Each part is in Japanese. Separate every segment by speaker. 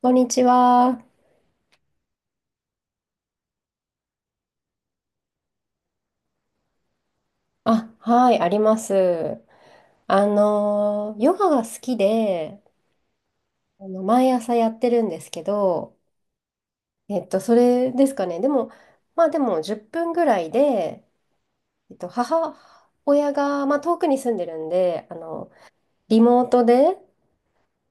Speaker 1: こんにちは。あ、はい、あります。ヨガが好きで、毎朝やってるんですけど、それですかね。でも、まあでも10分ぐらいで、母親が、まあ遠くに住んでるんで、リモートで、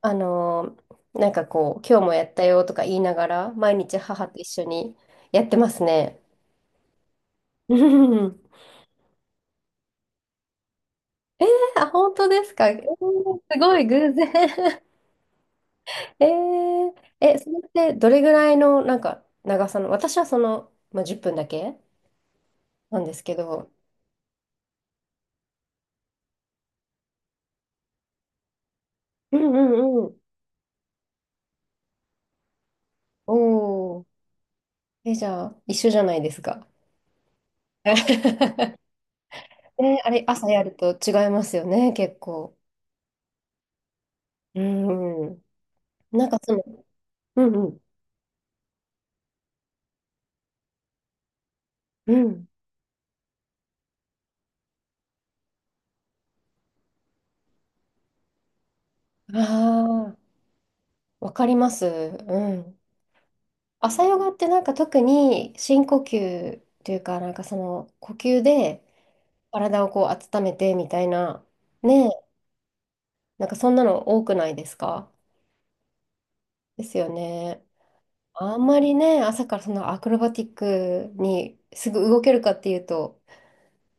Speaker 1: あのなんかこう、今日もやったよとか言いながら、毎日母と一緒にやってますね。うん。あ、本当ですか。すごい偶然。えー。え、それってどれぐらいのなんか長さの、私はまあ、10分だけなんですけど、うんうんうん。おー。え、じゃあ、一緒じゃないですか。え、あれ、朝やると違いますよね、結構。うんうん。なんかその、うんうん。うん。ああ、わかります。うん。朝ヨガってなんか特に深呼吸というか、なんかその呼吸で体をこう温めてみたいな、ね、なんかそんなの多くないですか？ですよね。あんまりね、朝からそんなアクロバティックにすぐ動けるかっていうと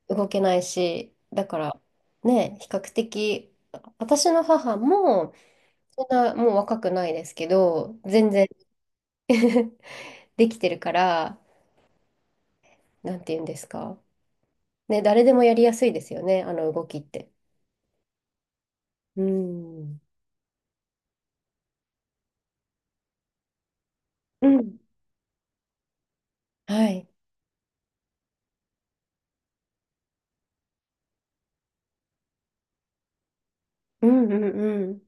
Speaker 1: 動けないし、だからね、比較的、私の母もそんなもう若くないですけど、全然 できてるから、なんて言うんですか。ね、誰でもやりやすいですよね、あの動きって。うん。うん。はい。うんうん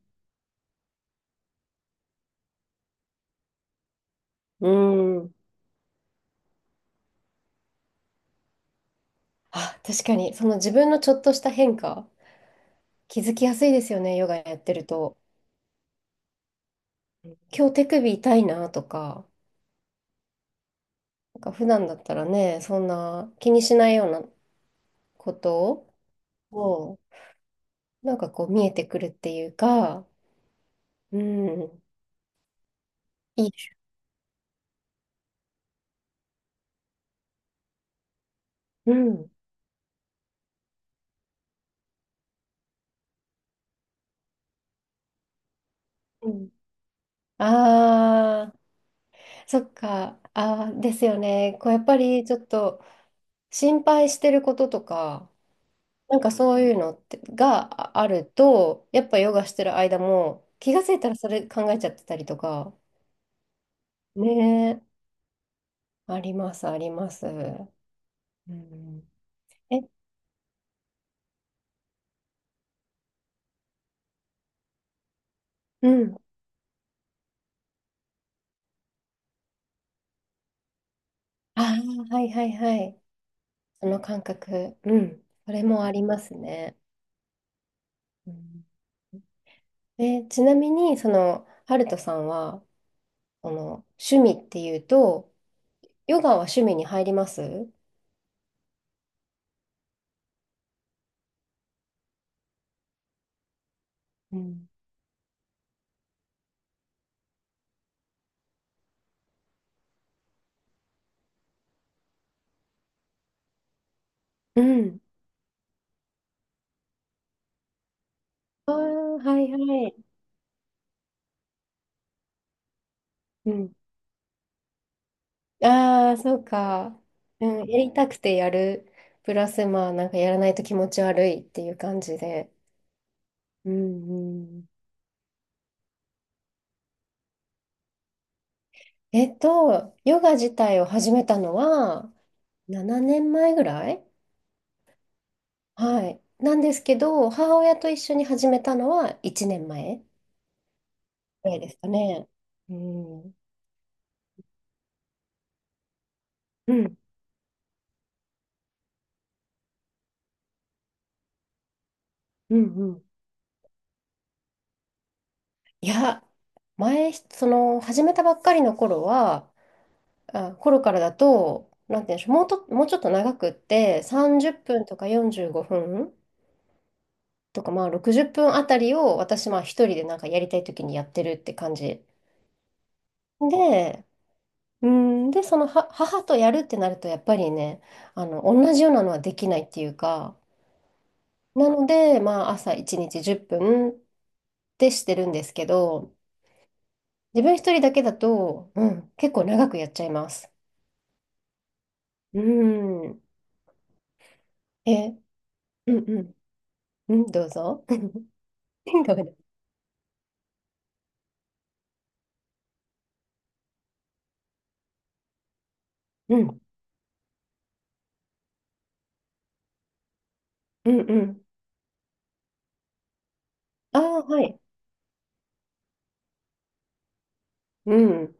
Speaker 1: うん。うん。あ、確かに、その自分のちょっとした変化気づきやすいですよね、ヨガやってると。うん、今日手首痛いなとか、なんか普段だったらね、そんな気にしないようなことを、なんかこう見えてくるっていうか、うん、いいです。うん。うん、ああ、そっか。ああ、ですよね。こうやっぱりちょっと心配してることとか、なんかそういうのってがああると、やっぱヨガしてる間も気がついたらそれ考えちゃってたりとか、ね、あります、あります。うん。え、うん。ああ、はいはいはい。その感覚。うん。それもありますね。うん。え、ちなみに、その、ハルトさんは、その、趣味っていうと、ヨガは趣味に入ります？うん。うん。ああ、はいはい。うん。ああ、そうか。うん、やりたくてやる。プラス、まあ、なんかやらないと気持ち悪いっていう感じで。うんうん。ヨガ自体を始めたのは7年前ぐらい。はい。なんですけど、母親と一緒に始めたのは1年前ぐらいですかね。うん。うん、うん、うん。いや、前、その、始めたばっかりの頃は、あ、頃からだと、なんて言うんでしょう、もうちょっと長くって、30分とか45分とか、まあ60分あたりを私、まあ一人でなんかやりたい時にやってるって感じ。で、うん、で、そのは母とやるってなると、やっぱりね、同じようなのはできないっていうか、なので、まあ、朝1日10分っぷんってしてるんですけど、自分一人だけだと、うん、結構長くやっちゃいます。うん。え、うんうん。うん、どうぞ。ごめん。うん、うん、うん。ああ、はい。うん、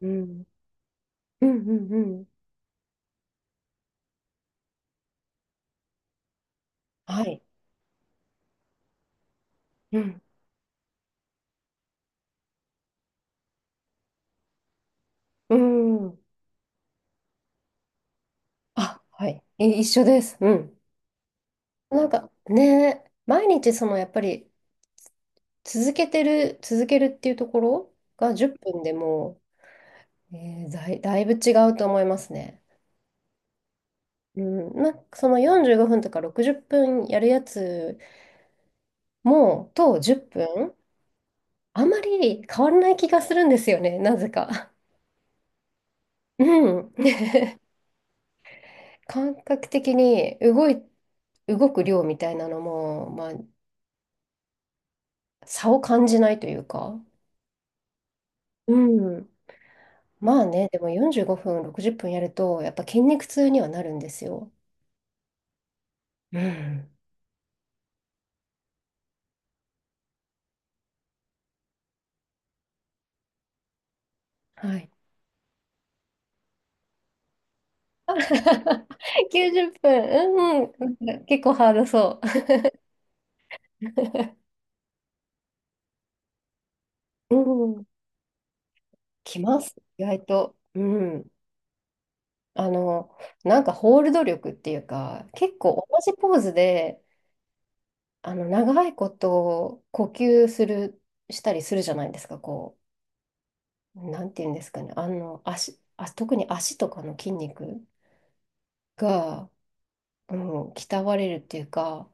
Speaker 1: うん、うん、うん、うん。はい。うん、うん。あ、はい。え、一緒です。うん。なんかね、毎日そのやっぱり続けるっていうところが10分でもう、だいぶ違うと思いますね。うん、まあ、その45分とか60分やるやつも、と10分、あまり変わらない気がするんですよね、なぜか。うん。感覚的に動く量みたいなのも、まあ、差を感じないというか。うん。まあね、でも45分、60分やると、やっぱ筋肉痛にはなるんですよ。うん。はい。90分。うじゅっぷん。うん。なんか結構ハードそう。うん。きます。意外と。うん。あの、なんかホールド力っていうか、結構同じポーズで、長いこと呼吸する、したりするじゃないですか。こう、なんていうんですかね。特に足とかの筋肉が、うん、鍛われるっていうか、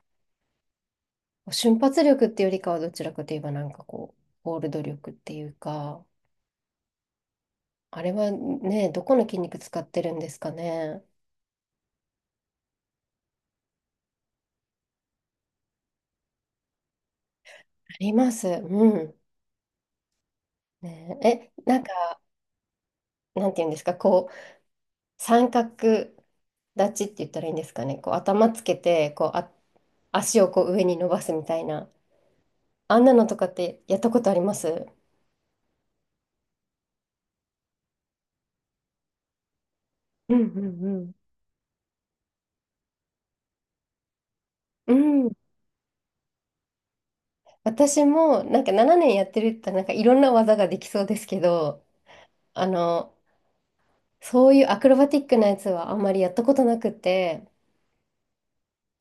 Speaker 1: 瞬発力っていうよりかはどちらかといえばなんかこう、ホールド力っていうか、あれはね、どこの筋肉使ってるんですかね。あります。うん。ね、え、なんか、なんていうんですか、こう、三角立ちって言ったらいいんですかね。こう、頭つけて、こう、あ、足をこう上に伸ばすみたいな。あんなのとかってやったことあります？うんうんうん。うん。私も、なんか7年やってるって言ったら、なんかいろんな技ができそうですけど、あの、そういうアクロバティックなやつはあんまりやったことなくて、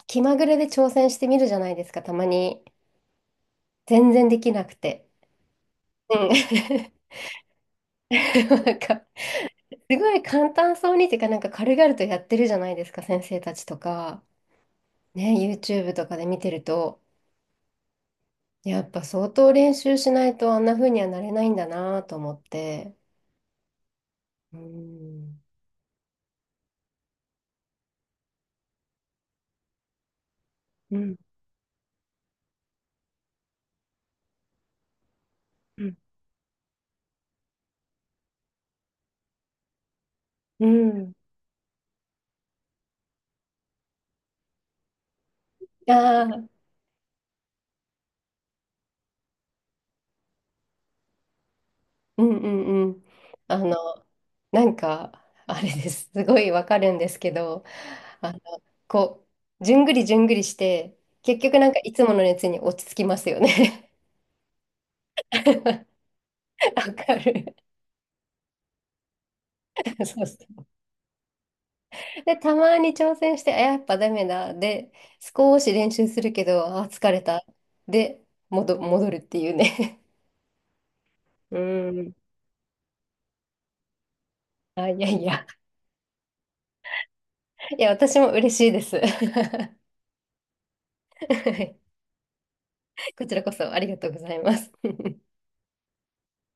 Speaker 1: 気まぐれで挑戦してみるじゃないですか、たまに。全然できなくて。うん。なんか、すごい簡単そうにっていうか、なんか軽々とやってるじゃないですか、先生たちとか。ね、YouTube とかで見てると、やっぱ相当練習しないとあんな風にはなれないんだなと思って。うん。うん、うん、うん。ああ、うんうんうん。あの、なんか、あれです。すごいわかるんですけど、あの、こう、じゅんぐりじゅんぐりして、結局なんかいつもの熱に落ち着きますよね。わかる。そうそう。で、たまに挑戦して、あ、やっぱダメだ。で、少し練習するけど、あ、疲れた。で、戻るっていうね。うん。あ、いやいや。いや、私も嬉しいです。こちらこそありがとうございます。